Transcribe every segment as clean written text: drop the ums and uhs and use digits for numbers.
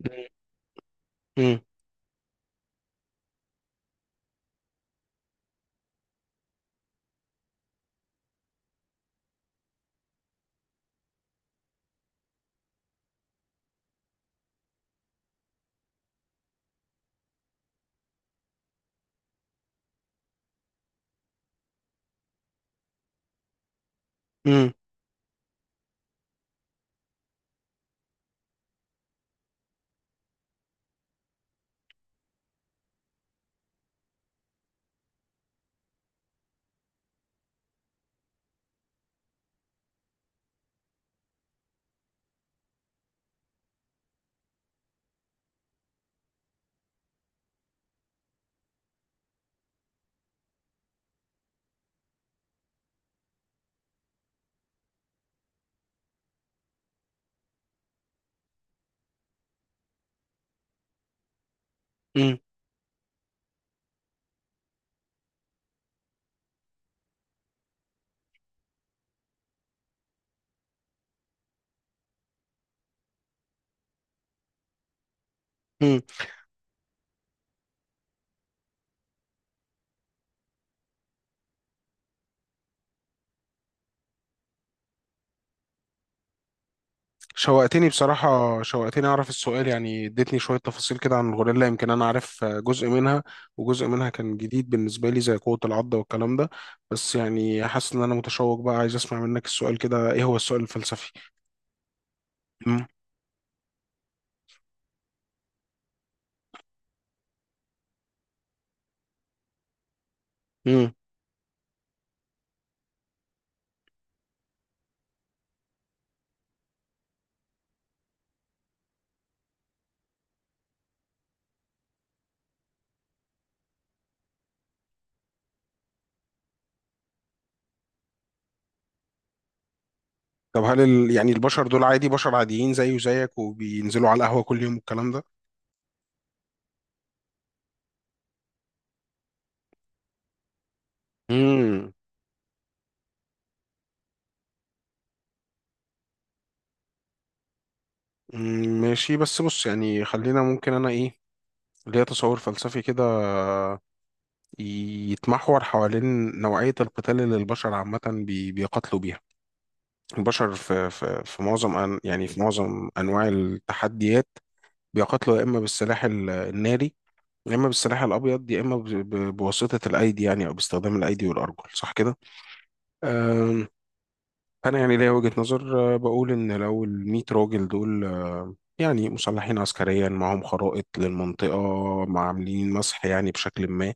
مم. مم. مم. مم. شوقتني بصراحة، شوقتني أعرف السؤال. يعني اديتني شوية تفاصيل كده عن الغوريلا، يمكن أنا عارف جزء منها وجزء منها كان جديد بالنسبة لي زي قوة العضة والكلام ده. بس يعني حاسس إن أنا متشوق بقى، عايز أسمع منك السؤال كده. إيه هو السؤال الفلسفي؟ مم. مم. طب هل يعني البشر دول عادي؟ بشر عاديين زيي وزيك، وبينزلوا على القهوة كل يوم والكلام ده. مم. مم. ماشي، بس بص يعني خلينا. ممكن أنا إيه، ليا تصور فلسفي كده يتمحور حوالين نوعية القتال اللي البشر عامة بيقاتلوا بيها. البشر في معظم أن يعني في معظم أنواع التحديات بيقاتلوا يا إما بالسلاح الناري، يا إما بالسلاح الأبيض، يا إما بواسطة الأيدي، يعني أو باستخدام الأيدي والأرجل، صح كده؟ أم، أنا يعني ليا وجهة نظر، بقول إن لو ال 100 راجل دول يعني مسلحين عسكريا، معاهم خرائط للمنطقة، مع عاملين مسح يعني بشكل ما،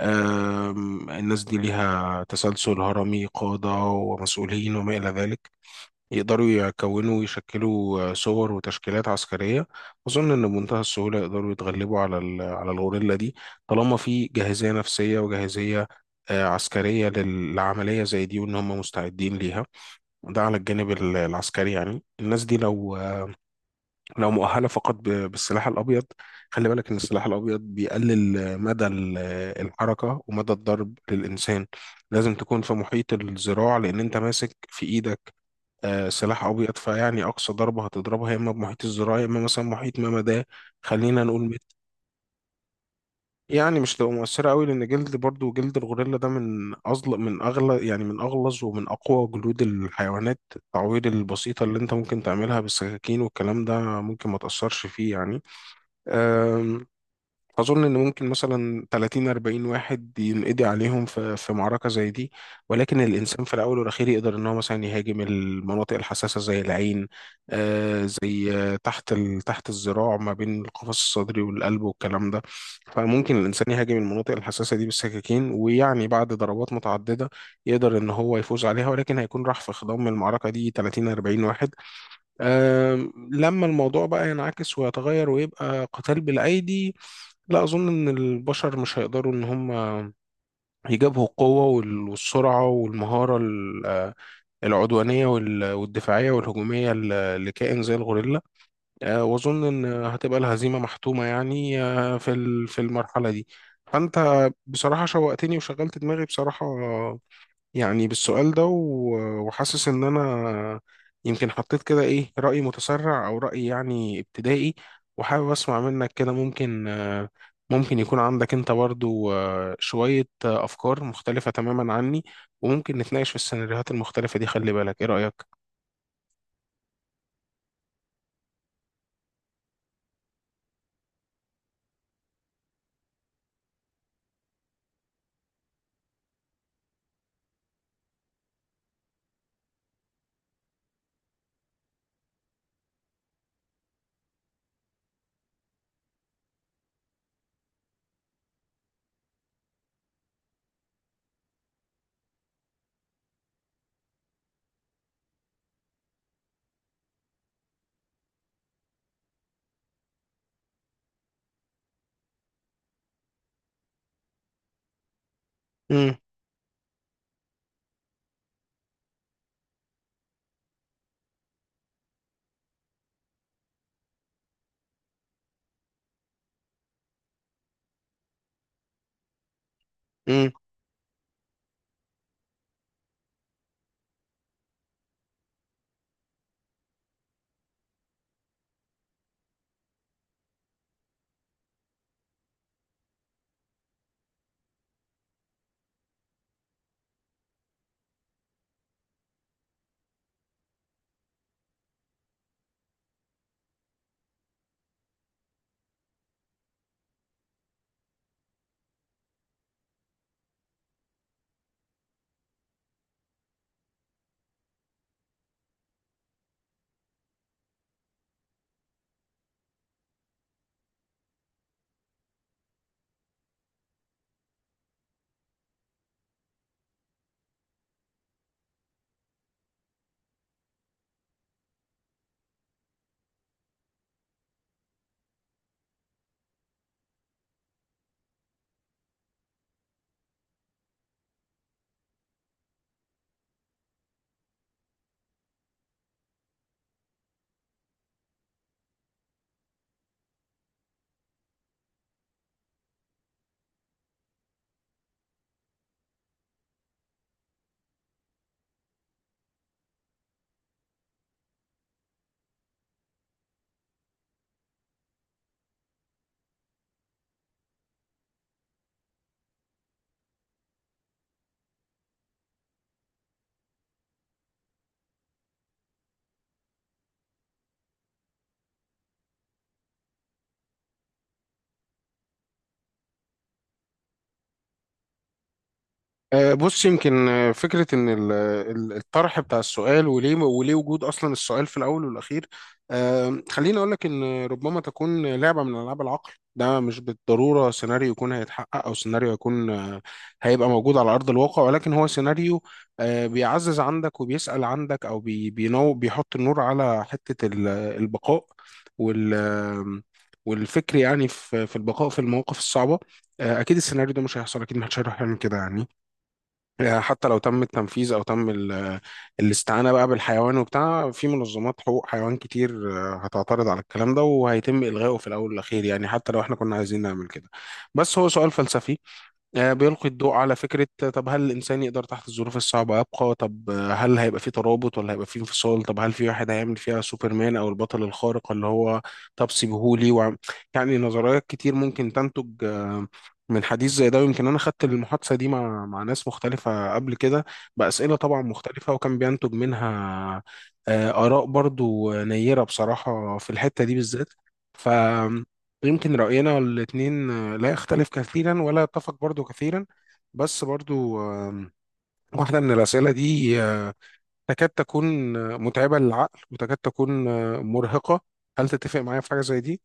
الناس دي ليها تسلسل هرمي، قادة ومسؤولين وما إلى ذلك، يقدروا يكونوا ويشكلوا صور وتشكيلات عسكرية. أظن إن بمنتهى السهولة يقدروا يتغلبوا على الغوريلا دي، طالما في جاهزية نفسية وجاهزية عسكرية لعملية زي دي، وإن هم مستعدين ليها. ده على الجانب العسكري. يعني الناس دي لو مؤهله فقط بالسلاح الابيض، خلي بالك ان السلاح الابيض بيقلل مدى الحركه ومدى الضرب للانسان. لازم تكون في محيط الذراع، لان انت ماسك في ايدك سلاح ابيض، فيعني اقصى ضربه هتضربها يا اما بمحيط الذراع، يا اما مثلا محيط ما ده، خلينا نقول متر. يعني مش تبقى مؤثره قوي، لان جلد، برضو جلد الغوريلا ده من اغلى من اغلى يعني من اغلظ ومن اقوى جلود الحيوانات. التعوير البسيطه اللي انت ممكن تعملها بالسكاكين والكلام ده ممكن ما تاثرش فيه يعني. أم، أظن إن ممكن مثلا 30 40 واحد ينقضي عليهم في معركة زي دي، ولكن الإنسان في الأول والأخير يقدر إن هو مثلا يهاجم المناطق الحساسة، زي العين، زي تحت الذراع، ما بين القفص الصدري والقلب والكلام ده. فممكن الإنسان يهاجم المناطق الحساسة دي بالسكاكين، ويعني بعد ضربات متعددة يقدر إن هو يفوز عليها، ولكن هيكون راح في خضم المعركة دي 30 40 واحد. لما الموضوع بقى ينعكس ويتغير ويبقى قتال بالأيدي، لا أظن إن البشر مش هيقدروا إن هم يجابهوا القوة والسرعة والمهارة العدوانية والدفاعية والهجومية لكائن زي الغوريلا. وأظن إن هتبقى الهزيمة محتومة يعني، في المرحلة دي. فأنت بصراحة شوقتني وشغلت دماغي بصراحة يعني بالسؤال ده، وحاسس ان انا يمكن حطيت كده ايه رأي متسرع او رأي يعني ابتدائي، وحابب اسمع منك كده. ممكن يكون عندك انت برضو شوية افكار مختلفة تماما عني، وممكن نتناقش في السيناريوهات المختلفة دي. خلي بالك، ايه رأيك؟ امم. بص، يمكن فكرة إن الطرح بتاع السؤال، وليه وجود أصلا السؤال في الأول والأخير، خليني أقول لك إن ربما تكون لعبة من ألعاب العقل. ده مش بالضرورة سيناريو يكون هيتحقق، أو سيناريو يكون هيبقى موجود على أرض الواقع، ولكن هو سيناريو بيعزز عندك وبيسأل عندك، أو بي- بينو بيحط النور على حتة البقاء وال آه، والفكر، يعني في البقاء في المواقف الصعبة. أكيد السيناريو ده مش هيحصل، أكيد محدش هيروح يعمل كده يعني حتى لو تم التنفيذ او تم الاستعانه بقى بالحيوان وبتاع، في منظمات حقوق حيوان كتير هتعترض على الكلام ده وهيتم الغائه في الاول والاخير، يعني حتى لو احنا كنا عايزين نعمل كده. بس هو سؤال فلسفي بيلقي الضوء على فكرة. طب هل الإنسان يقدر تحت الظروف الصعبة يبقى؟ طب هل هيبقى في ترابط ولا هيبقى في انفصال؟ طب هل في واحد هيعمل فيها سوبرمان أو البطل الخارق اللي هو طب سيبهولي يعني. نظريات كتير ممكن تنتج من حديث زي ده، ويمكن أنا خدت المحادثة دي مع ناس مختلفة قبل كده بأسئلة طبعا مختلفة، وكان بينتج منها آراء برضو نيرة بصراحة في الحتة دي بالذات. ف يمكن رأينا الاتنين لا يختلف كثيرا ولا يتفق برضو كثيرا. بس برضو، واحدة من الأسئلة دي تكاد تكون متعبة للعقل، وتكاد تكون مرهقة. هل تتفق معايا في حاجة زي دي؟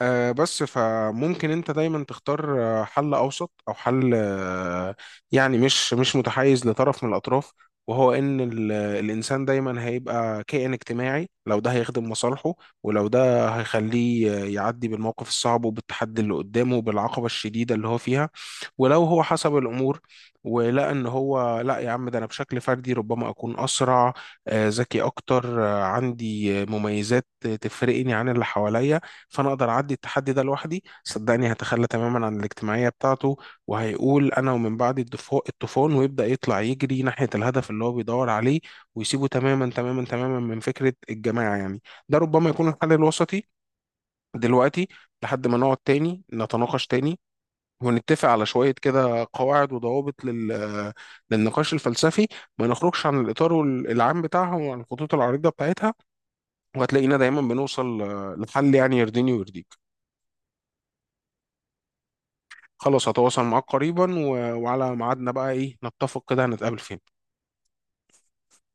بس فممكن انت دايما تختار حل اوسط او حل، يعني مش متحيز لطرف من الاطراف. وهو ان الانسان دايما هيبقى كائن اجتماعي لو ده هيخدم مصالحه، ولو ده هيخليه يعدي بالموقف الصعب وبالتحدي اللي قدامه وبالعقبة الشديدة اللي هو فيها. ولو هو حسب الأمور ولقى إن هو لا، يا عم ده أنا بشكل فردي ربما أكون أسرع، ذكي أكتر، عندي مميزات تفرقني عن اللي حواليا، فأنا أقدر أعدي التحدي ده لوحدي، صدقني هتخلى تماما عن الاجتماعية بتاعته وهيقول أنا ومن بعد الطوفان، ويبدأ يطلع يجري ناحية الهدف اللي هو بيدور عليه، ويسيبه تماما تماما تماما من فكرة الجماعة يعني. ده ربما يكون الحل الوسطي دلوقتي، لحد ما نقعد تاني نتناقش تاني، ونتفق على شوية كده قواعد وضوابط للنقاش الفلسفي، ما نخرجش عن الإطار العام بتاعها وعن الخطوط العريضة بتاعتها، وهتلاقينا دايما بنوصل لحل يعني يرضيني ويرضيك. خلاص، هتواصل معاك قريبا، وعلى ميعادنا بقى إيه، نتفق كده هنتقابل فين؟